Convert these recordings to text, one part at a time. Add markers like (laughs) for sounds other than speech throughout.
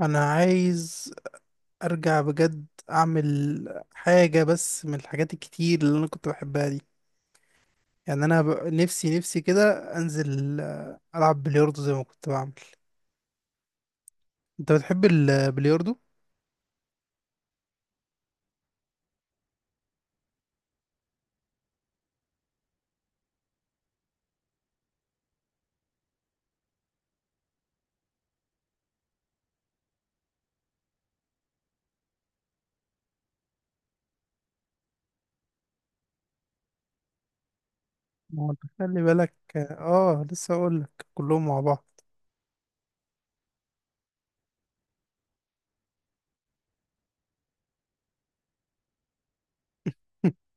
انا عايز ارجع بجد اعمل حاجة، بس من الحاجات الكتير اللي انا كنت بحبها دي. يعني انا نفسي نفسي كده، انزل العب بلياردو زي ما كنت بعمل. انت بتحب البلياردو؟ ما هو انت خلي بالك، لسه اقول لك كلهم مع بعض. (laughs)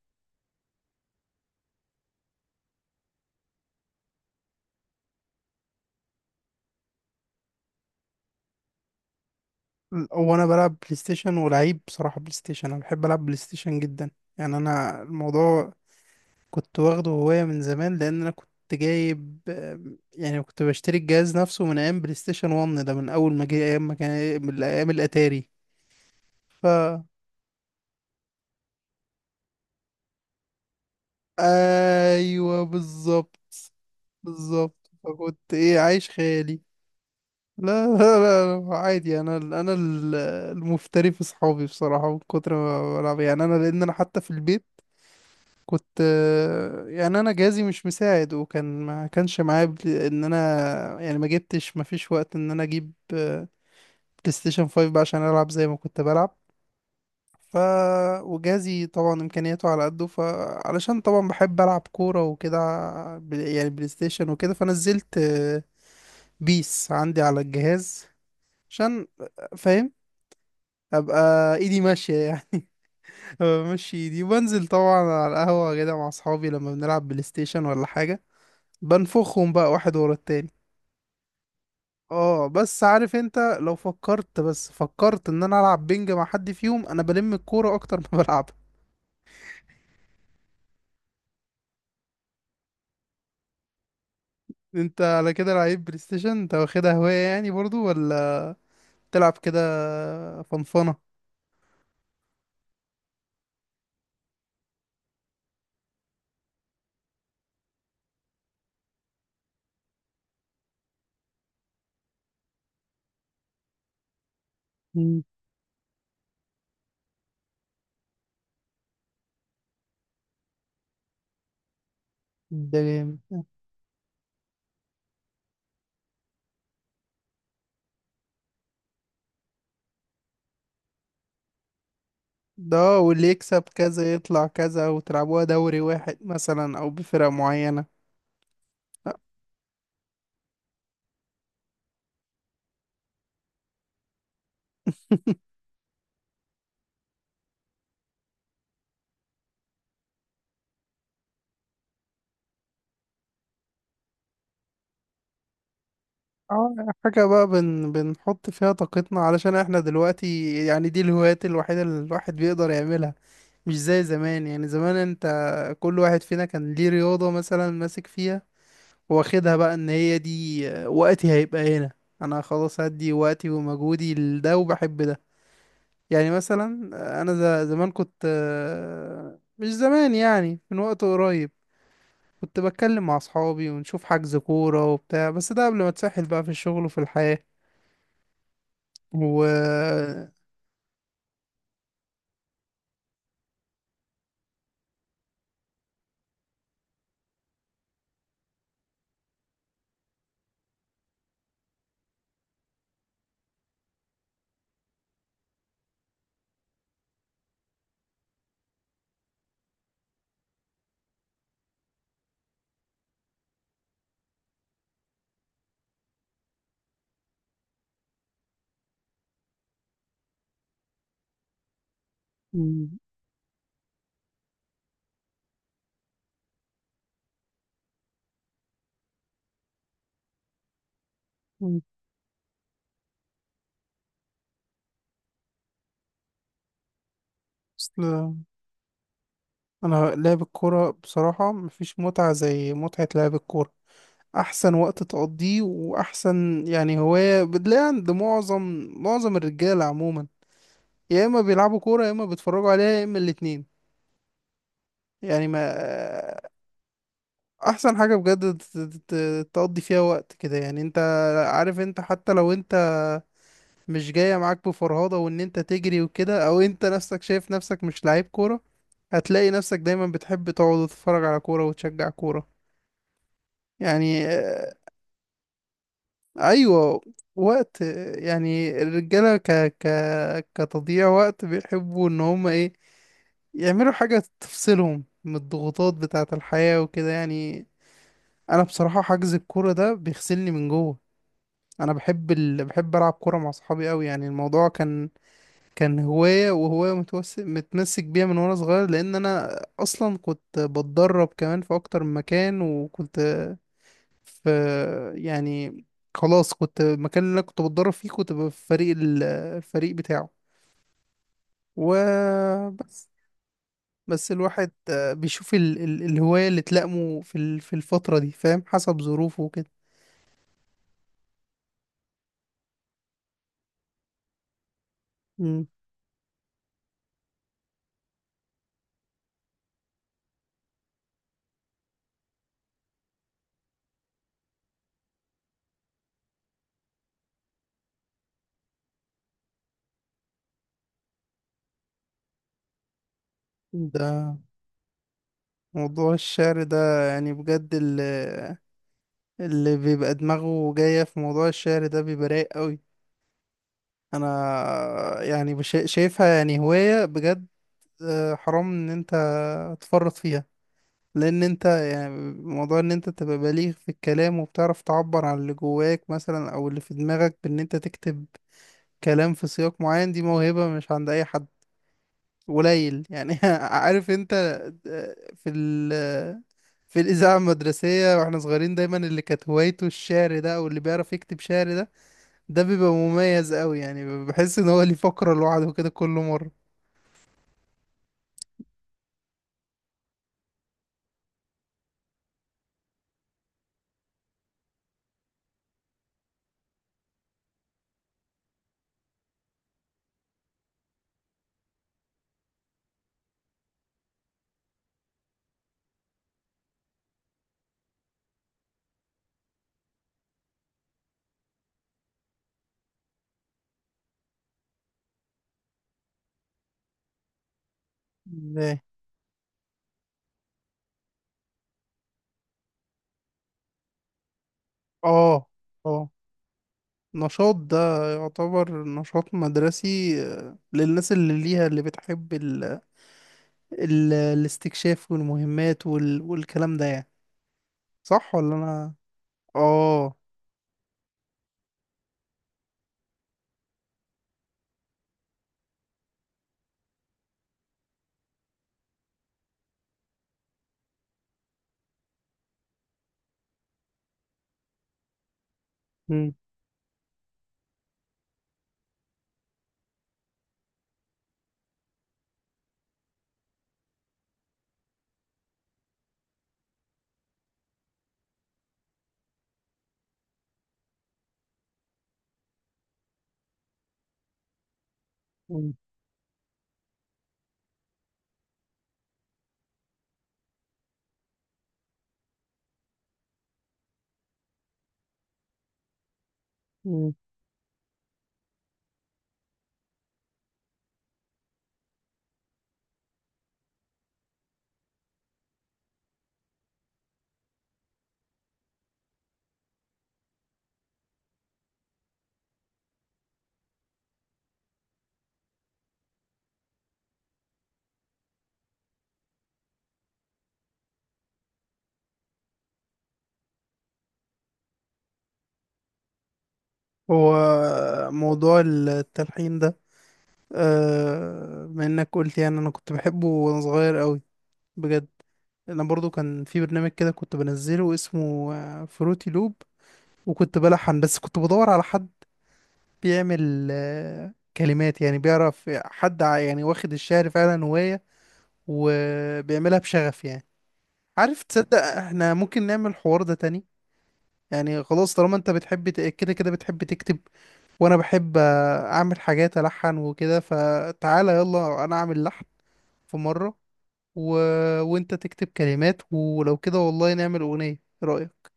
هو انا بلعب بلاي ستيشن، ولعيب بصراحة بلاي ستيشن. انا بحب العب بلاي ستيشن جدا. يعني انا الموضوع كنت واخده هواية من زمان، لأن أنا كنت جايب يعني كنت بشتري الجهاز نفسه من أيام بلاي ستيشن 1 ده، من أول ما جه، أيام ما كان من أيام الأتاري. ف أيوه، بالظبط بالظبط. فكنت إيه عايش خيالي. لا لا لا لا، عادي. المفتري في صحابي بصراحة من كتر ما بلعب يعني، أنا، لأن أنا حتى في البيت كنت يعني انا جهازي مش مساعد، وكان ما كانش معايا ان انا، يعني ما جبتش، ما فيش وقت ان انا اجيب بلاي ستيشن 5 بقى عشان العب زي ما كنت بلعب. ف وجهازي طبعا امكانياته على قده، فعلشان طبعا بحب العب كوره وكده يعني بلاي ستيشن وكده، فنزلت بيس عندي على الجهاز، عشان فاهم، ابقى ايدي ماشيه يعني. (laughs) بمشي ايدي، وبنزل طبعا على القهوه كده مع اصحابي لما بنلعب بلاي ستيشن ولا حاجه. بنفخهم بقى واحد ورا التاني. اه، بس عارف انت لو فكرت، بس فكرت ان انا العب بينج مع حد فيهم، انا بلم الكورة اكتر ما (laughs) بلعبها. انت على كده لعيب بلاي ستيشن، انت واخدها هواية يعني برضو، ولا بتلعب كده فنفنة؟ مم. ده جامد ده. ده واللي يكسب كذا يطلع كذا، وتلعبوها دوري واحد مثلا او بفرق معينة. اه. حاجة بقى بنحط فيها طاقتنا، علشان احنا دلوقتي يعني دي الهوايات الوحيدة اللي الواحد بيقدر يعملها. مش زي زمان. يعني زمان انت، كل واحد فينا كان ليه رياضة مثلا ماسك فيها، واخدها بقى ان هي دي، وقتي هيبقى هنا. انا خلاص هدي وقتي ومجهودي لده وبحب ده. يعني مثلا انا، زمان كنت مش زمان يعني، من وقت قريب كنت بتكلم مع اصحابي ونشوف حجز كورة وبتاع. بس ده قبل ما اتسحل بقى في الشغل وفي الحياة. و م- م- أصل انا لعب الكورة بصراحة مفيش متعة زي متعة لعب الكورة. احسن وقت تقضيه، واحسن يعني هواية بتلاقيها عند معظم معظم الرجالة عموما. يا اما بيلعبوا كورة، يا اما بيتفرجوا عليها، يا اما الاتنين يعني. ما احسن حاجة بجد تقضي فيها وقت كده. يعني انت عارف، انت حتى لو انت مش جاية معاك بفرهضة وان انت تجري وكده، او انت نفسك شايف نفسك مش لعيب كورة، هتلاقي نفسك دايما بتحب تقعد وتتفرج على كورة وتشجع كورة يعني. ايوه. وقت يعني الرجاله ك ك كتضييع وقت بيحبوا ان هم ايه، يعملوا حاجه تفصلهم من الضغوطات بتاعه الحياه وكده يعني. انا بصراحه حجز الكوره ده بيغسلني من جوه. انا بحب بحب العب كوره مع صحابي قوي. يعني الموضوع كان، كان هوايه وهوايه متمسك بيها من وانا صغير، لان انا اصلا كنت بتدرب كمان في اكتر من مكان. وكنت، ف يعني خلاص كنت المكان اللي أنا كنت بتدرب فيه كنت ببقى في فريق الفريق بتاعه. وبس. بس الواحد بيشوف الهواية اللي تلائمه في الفترة دي، فاهم، حسب ظروفه وكده. مم. ده موضوع الشعر ده، يعني بجد اللي بيبقى دماغه جاية في موضوع الشعر ده بيبقى رايق قوي. انا يعني شايفها يعني هواية بجد. حرام ان انت تفرط فيها. لان انت، يعني موضوع ان انت تبقى بليغ في الكلام وبتعرف تعبر عن اللي جواك مثلا او اللي في دماغك بان انت تكتب كلام في سياق معين، دي موهبة مش عند اي حد، قليل يعني. (laughs) عارف انت، آه، في ال في الإذاعة المدرسية واحنا صغيرين دايما اللي كانت هوايته الشعر ده، او اللي بيعرف يكتب شعر ده، ده بيبقى مميز قوي. يعني بحس ان هو ليه فقرة لوحده كده كل مرة. ازاي؟ اه اه، نشاط ده يعتبر نشاط مدرسي للناس اللي ليها، اللي بتحب ال... الاستكشاف والمهمات والكلام ده يعني، صح ولا انا؟ اه. مم، مم، مم. هو موضوع التلحين ده، بما انك قلت، يعني انا كنت بحبه وانا صغير قوي بجد. انا برضو كان في برنامج كده كنت بنزله اسمه فروتي لوب. وكنت بلحن، بس كنت بدور على حد بيعمل كلمات، يعني بيعرف حد يعني واخد الشعر فعلا هواية وبيعملها بشغف يعني. عارف، تصدق احنا ممكن نعمل الحوار ده تاني؟ يعني خلاص، طالما انت بتحب كده كده بتحب تكتب، وانا بحب اعمل حاجات الحن وكده، فتعالى يلا انا اعمل لحن في مرة، و... وانت تكتب كلمات. ولو كده والله نعمل اغنية، ايه رأيك؟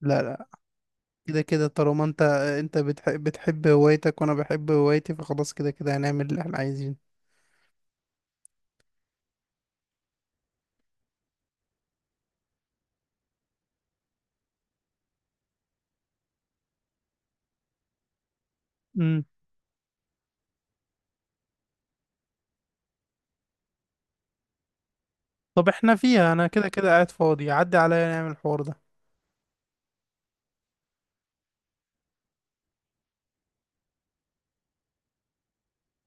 لا لا، كده كده طالما انت، انت بتحب بتحب هوايتك وانا بحب هوايتي، فخلاص كده كده هنعمل اللي احنا عايزينه. امم. طب احنا فيها، انا كده كده قاعد فاضي، عدي عليا نعمل الحوار ده.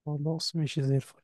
خلاص ماشي زي الفل.